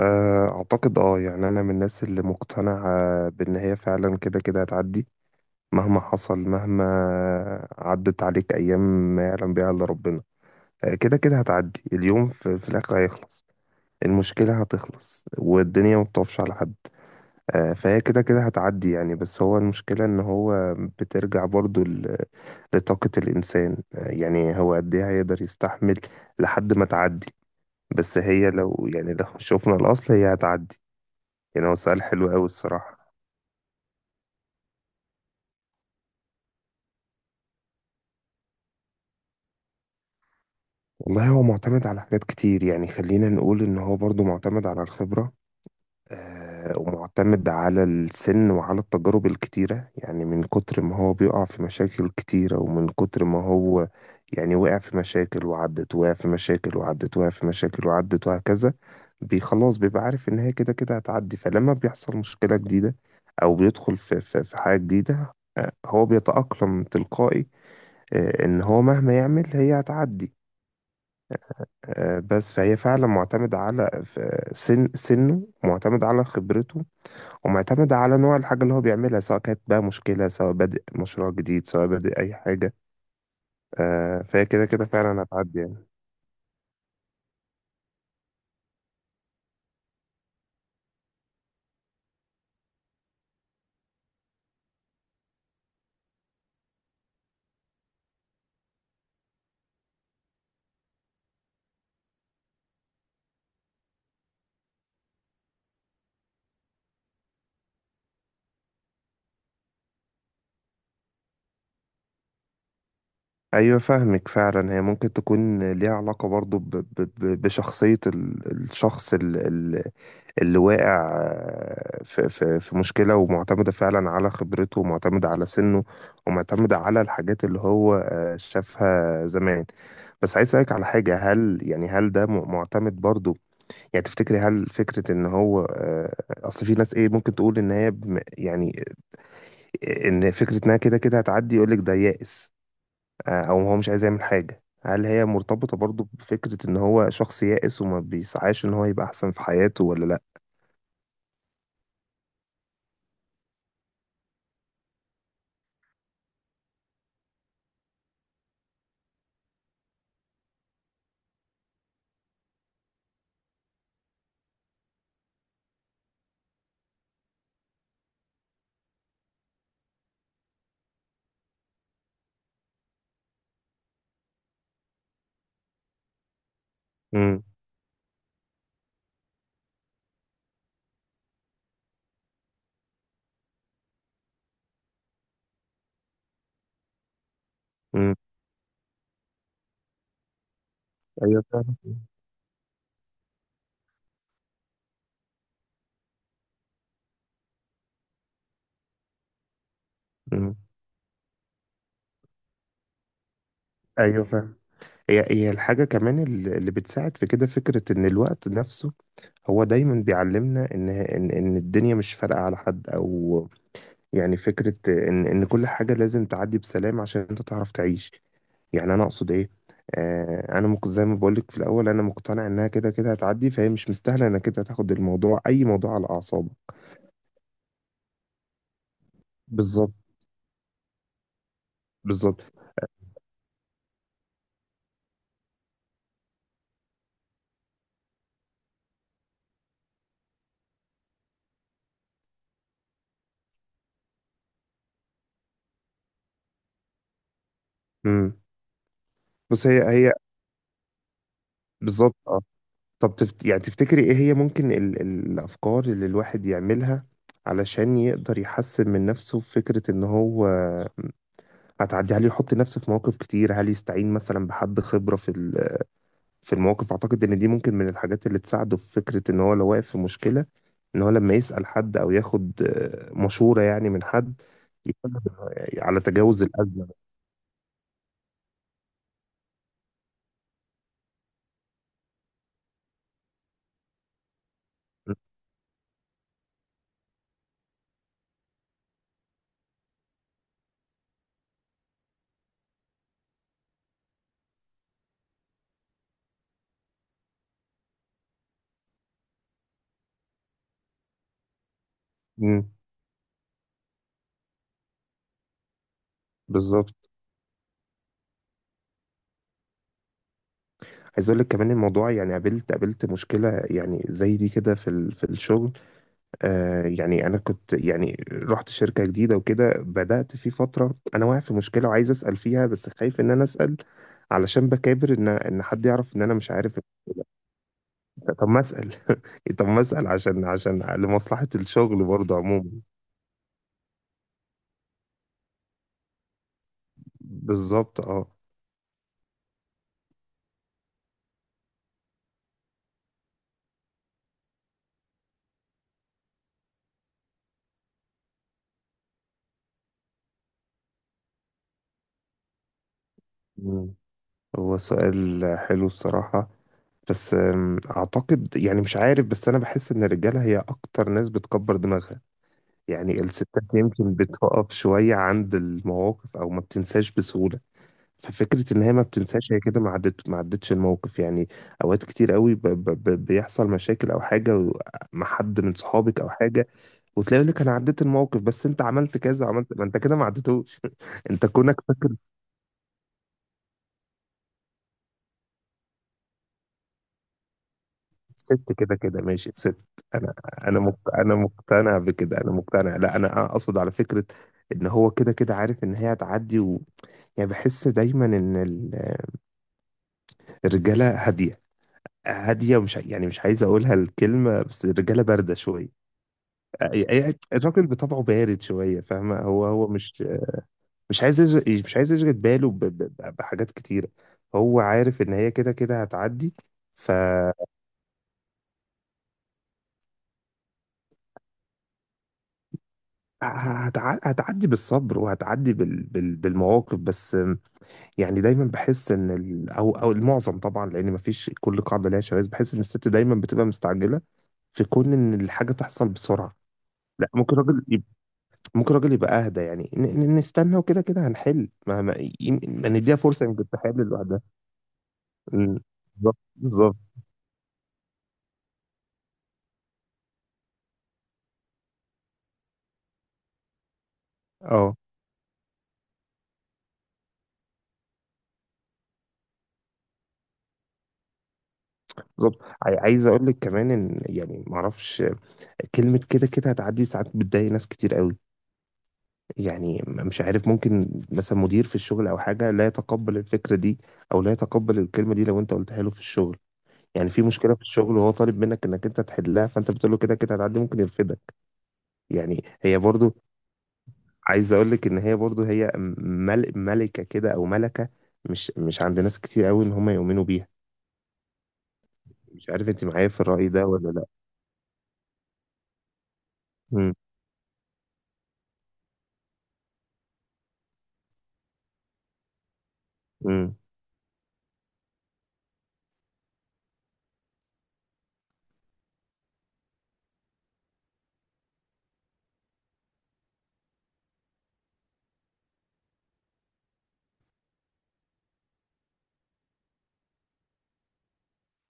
آه، أعتقد يعني أنا من الناس اللي مقتنعة بإن هي فعلا كده كده هتعدي، مهما حصل، مهما عدت عليك أيام ما يعلم بيها إلا ربنا. كده كده هتعدي. اليوم في الآخر هيخلص. المشكلة هتخلص والدنيا ما بتقفش على حد. فهي كده كده هتعدي يعني. بس هو المشكلة إن هو بترجع برضو لطاقة الإنسان. يعني هو قد إيه هيقدر يستحمل لحد ما تعدي. بس هي لو يعني لو شوفنا الأصل هي هتعدي. يعني هو سؤال حلو قوي الصراحة. والله هو معتمد على حاجات كتير، يعني خلينا نقول ان هو برضو معتمد على الخبرة، ومعتمد على السن وعلى التجارب الكتيرة. يعني من كتر ما هو بيقع في مشاكل كتيرة ومن كتر ما هو يعني وقع في مشاكل وعدت، وقع في مشاكل وعدت، وقع في مشاكل وعدت، وهكذا. خلاص بيبقى عارف ان هي كده كده هتعدي، فلما بيحصل مشكلة جديدة او بيدخل في حاجة جديدة، هو بيتأقلم تلقائي. ان هو مهما يعمل هي هتعدي. بس فهي فعلا معتمدة على ف- سن سنه، معتمد على خبرته ومعتمد على نوع الحاجة اللي هو بيعملها، سواء كانت بقى مشكلة، سواء بادئ مشروع جديد، سواء بادئ أي حاجة. فهي كده كده فعلا هتعدي يعني. أيوة، فاهمك فعلا. هي ممكن تكون ليها علاقة برضو بشخصية الشخص اللي واقع، في مشكلة، ومعتمدة فعلا على خبرته، ومعتمدة على سنه، ومعتمدة على الحاجات اللي هو شافها زمان. بس عايز أسألك على حاجة. هل يعني هل ده معتمد برضو، يعني تفتكري هل فكرة إن هو، أصل في ناس إيه ممكن تقول إن هي يعني، إن فكرة إنها كده كده هتعدي يقولك ده يائس، أو هو مش عايز يعمل حاجة. هل هي مرتبطة برضو بفكرة إن هو شخص يائس وما بيسعاش إن هو يبقى أحسن في حياته ولا لأ؟ مم. ايوه فاهم. مم. ايوه فاهم. هي الحاجه كمان اللي بتساعد في كده، فكره ان الوقت نفسه هو دايما بيعلمنا ان الدنيا مش فارقه على حد، او يعني فكره ان كل حاجه لازم تعدي بسلام عشان انت تعرف تعيش. يعني انا اقصد ايه؟ انا زي ما بقول لك في الاول، انا مقتنع انها كده كده هتعدي، فهي مش مستاهله انك كده تاخد الموضوع، اي موضوع، على اعصابك. بالظبط، بالظبط. امم بس هي بالظبط. طب يعني تفتكري ايه هي ممكن الافكار اللي الواحد يعملها علشان يقدر يحسن من نفسه في فكرة ان هو هتعدي؟ هل يحط نفسه في مواقف كتير؟ هل يستعين مثلا بحد خبرة في المواقف؟ اعتقد ان دي ممكن من الحاجات اللي تساعده في فكرة ان هو لو واقف في مشكلة، ان هو لما يسأل حد او ياخد مشورة يعني من حد، يكون على تجاوز الأزمة. مم. بالظبط. عايز اقول لك كمان الموضوع، يعني قابلت مشكله يعني زي دي كده في الشغل. يعني انا كنت يعني رحت شركة جديدة وكده، بدأت في فترة انا واقع في مشكلة وعايز اسأل فيها بس خايف ان انا اسأل علشان بكابر ان حد يعرف ان انا مش عارف. طب ما اسأل. طب ما اسأل، عشان لمصلحة الشغل برضه عموما. بالظبط. اه. مم. هو سؤال حلو الصراحة. بس اعتقد يعني مش عارف، بس انا بحس ان الرجالة هي اكتر ناس بتكبر دماغها. يعني الستات يمكن بتقف شوية عند المواقف او ما بتنساش بسهولة. ففكرة إن هي ما بتنساش، هي كده ما عدتش الموقف يعني. أوقات كتير قوي بيحصل مشاكل أو حاجة مع حد من صحابك أو حاجة، وتلاقي يقول لك أنا عديت الموقف، بس أنت عملت كذا، عملت. ما أنت كده ما عدتوش. أنت كونك فاكر. الست كده كده ماشي الست. أنا أنا أنا مقتنع بكده، أنا مقتنع. لا، أنا أقصد على فكرة إن هو كده كده عارف إن هي هتعدي يعني بحس دايما إن الرجالة هادية، هادية، ومش يعني مش عايز أقولها الكلمة، بس الرجالة باردة شوية. الراجل بطبعه بارد شويه، فاهمه؟ هو مش مش عايز يشغل باله بحاجات كتيره. هو عارف ان هي كده كده هتعدي. ف هتعدي بالصبر، وهتعدي بالمواقف. بس يعني دايما بحس ان او المعظم طبعا، لان مفيش كل قاعده ليها شواذ، بحس ان الست دايما بتبقى مستعجله في كون ان الحاجه تحصل بسرعه. لا، ممكن راجل ممكن راجل يبقى اهدى، يعني نستنى وكده كده هنحل. ما ما, ما نديها فرصه يمكن تحل لوحدها. ال- بالظبط، بالظبط. اه. بالظبط. عايز اقول لك كمان ان يعني ما اعرفش، كلمه كده كده هتعدي ساعات بتضايق ناس كتير قوي. يعني مش عارف، ممكن مثلا مدير في الشغل او حاجه لا يتقبل الفكره دي او لا يتقبل الكلمه دي لو انت قلتها له في الشغل. يعني في مشكله في الشغل وهو طالب منك انك انت تحلها، فانت بتقول له كده كده هتعدي، ممكن يرفدك. يعني هي برضو، عايز اقول لك ان هي برضو هي ملكه كده، او ملكه مش عند ناس كتير قوي ان هم يؤمنوا بيها. مش عارف انت معايا في الرأي ده ولا لا؟ امم امم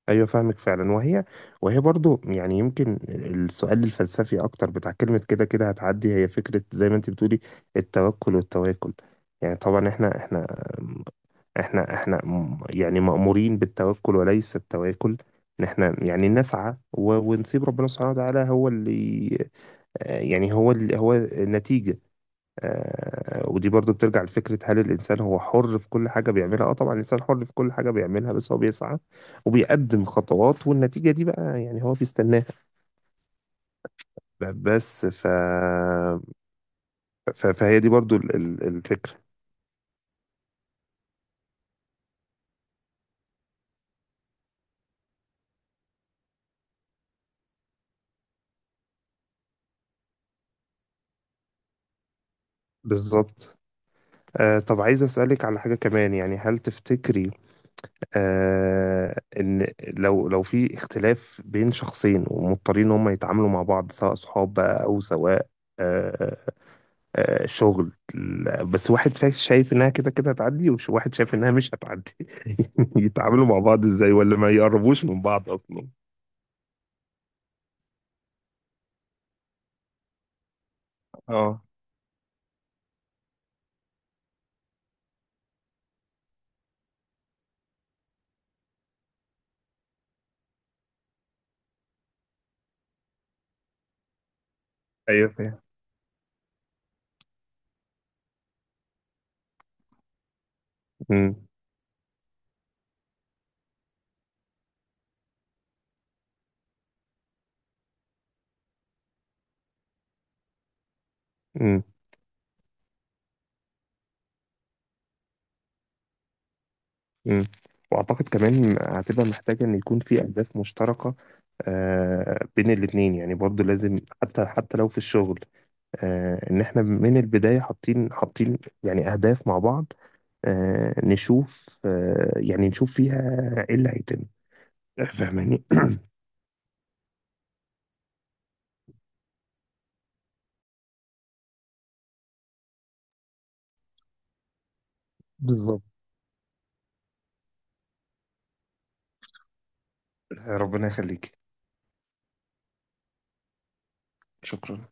ايوه فاهمك فعلا. وهي برضو، يعني يمكن السؤال الفلسفي اكتر بتاع كلمه كده كده هتعدي، هي فكره زي ما انت بتقولي، التوكل والتواكل. يعني طبعا احنا يعني مأمورين بالتوكل وليس التواكل. ان احنا يعني نسعى ونسيب ربنا سبحانه وتعالى هو اللي، يعني هو اللي هو النتيجة. ودي برضو بترجع لفكرة، هل الإنسان هو حر في كل حاجة بيعملها؟ اه، طبعا الإنسان حر في كل حاجة بيعملها، بس هو بيسعى وبيقدم خطوات، والنتيجة دي بقى يعني هو بيستناها. بس فهي دي برضو الفكرة. بالظبط. طب عايز أسألك على حاجة كمان، يعني هل تفتكري إن، لو في اختلاف بين شخصين ومضطرين إن هم يتعاملوا مع بعض، سواء صحاب بقى أو سواء آه، شغل، بس واحد شايف انها كده كده هتعدي وواحد شايف انها مش هتعدي، يتعاملوا مع بعض ازاي؟ ولا ما يقربوش من بعض اصلا؟ اه. ايوه فاهم. مم. مم. مم. واعتقد كمان هتبقى محتاجة ان يكون في اهداف مشتركة، بين الاتنين يعني، برضو لازم حتى لو في الشغل، ان احنا من البداية حاطين يعني اهداف مع بعض، نشوف آه، يعني نشوف فيها ايه اللي هيتم. فاهماني؟ بالظبط. ربنا يخليك. شكرا.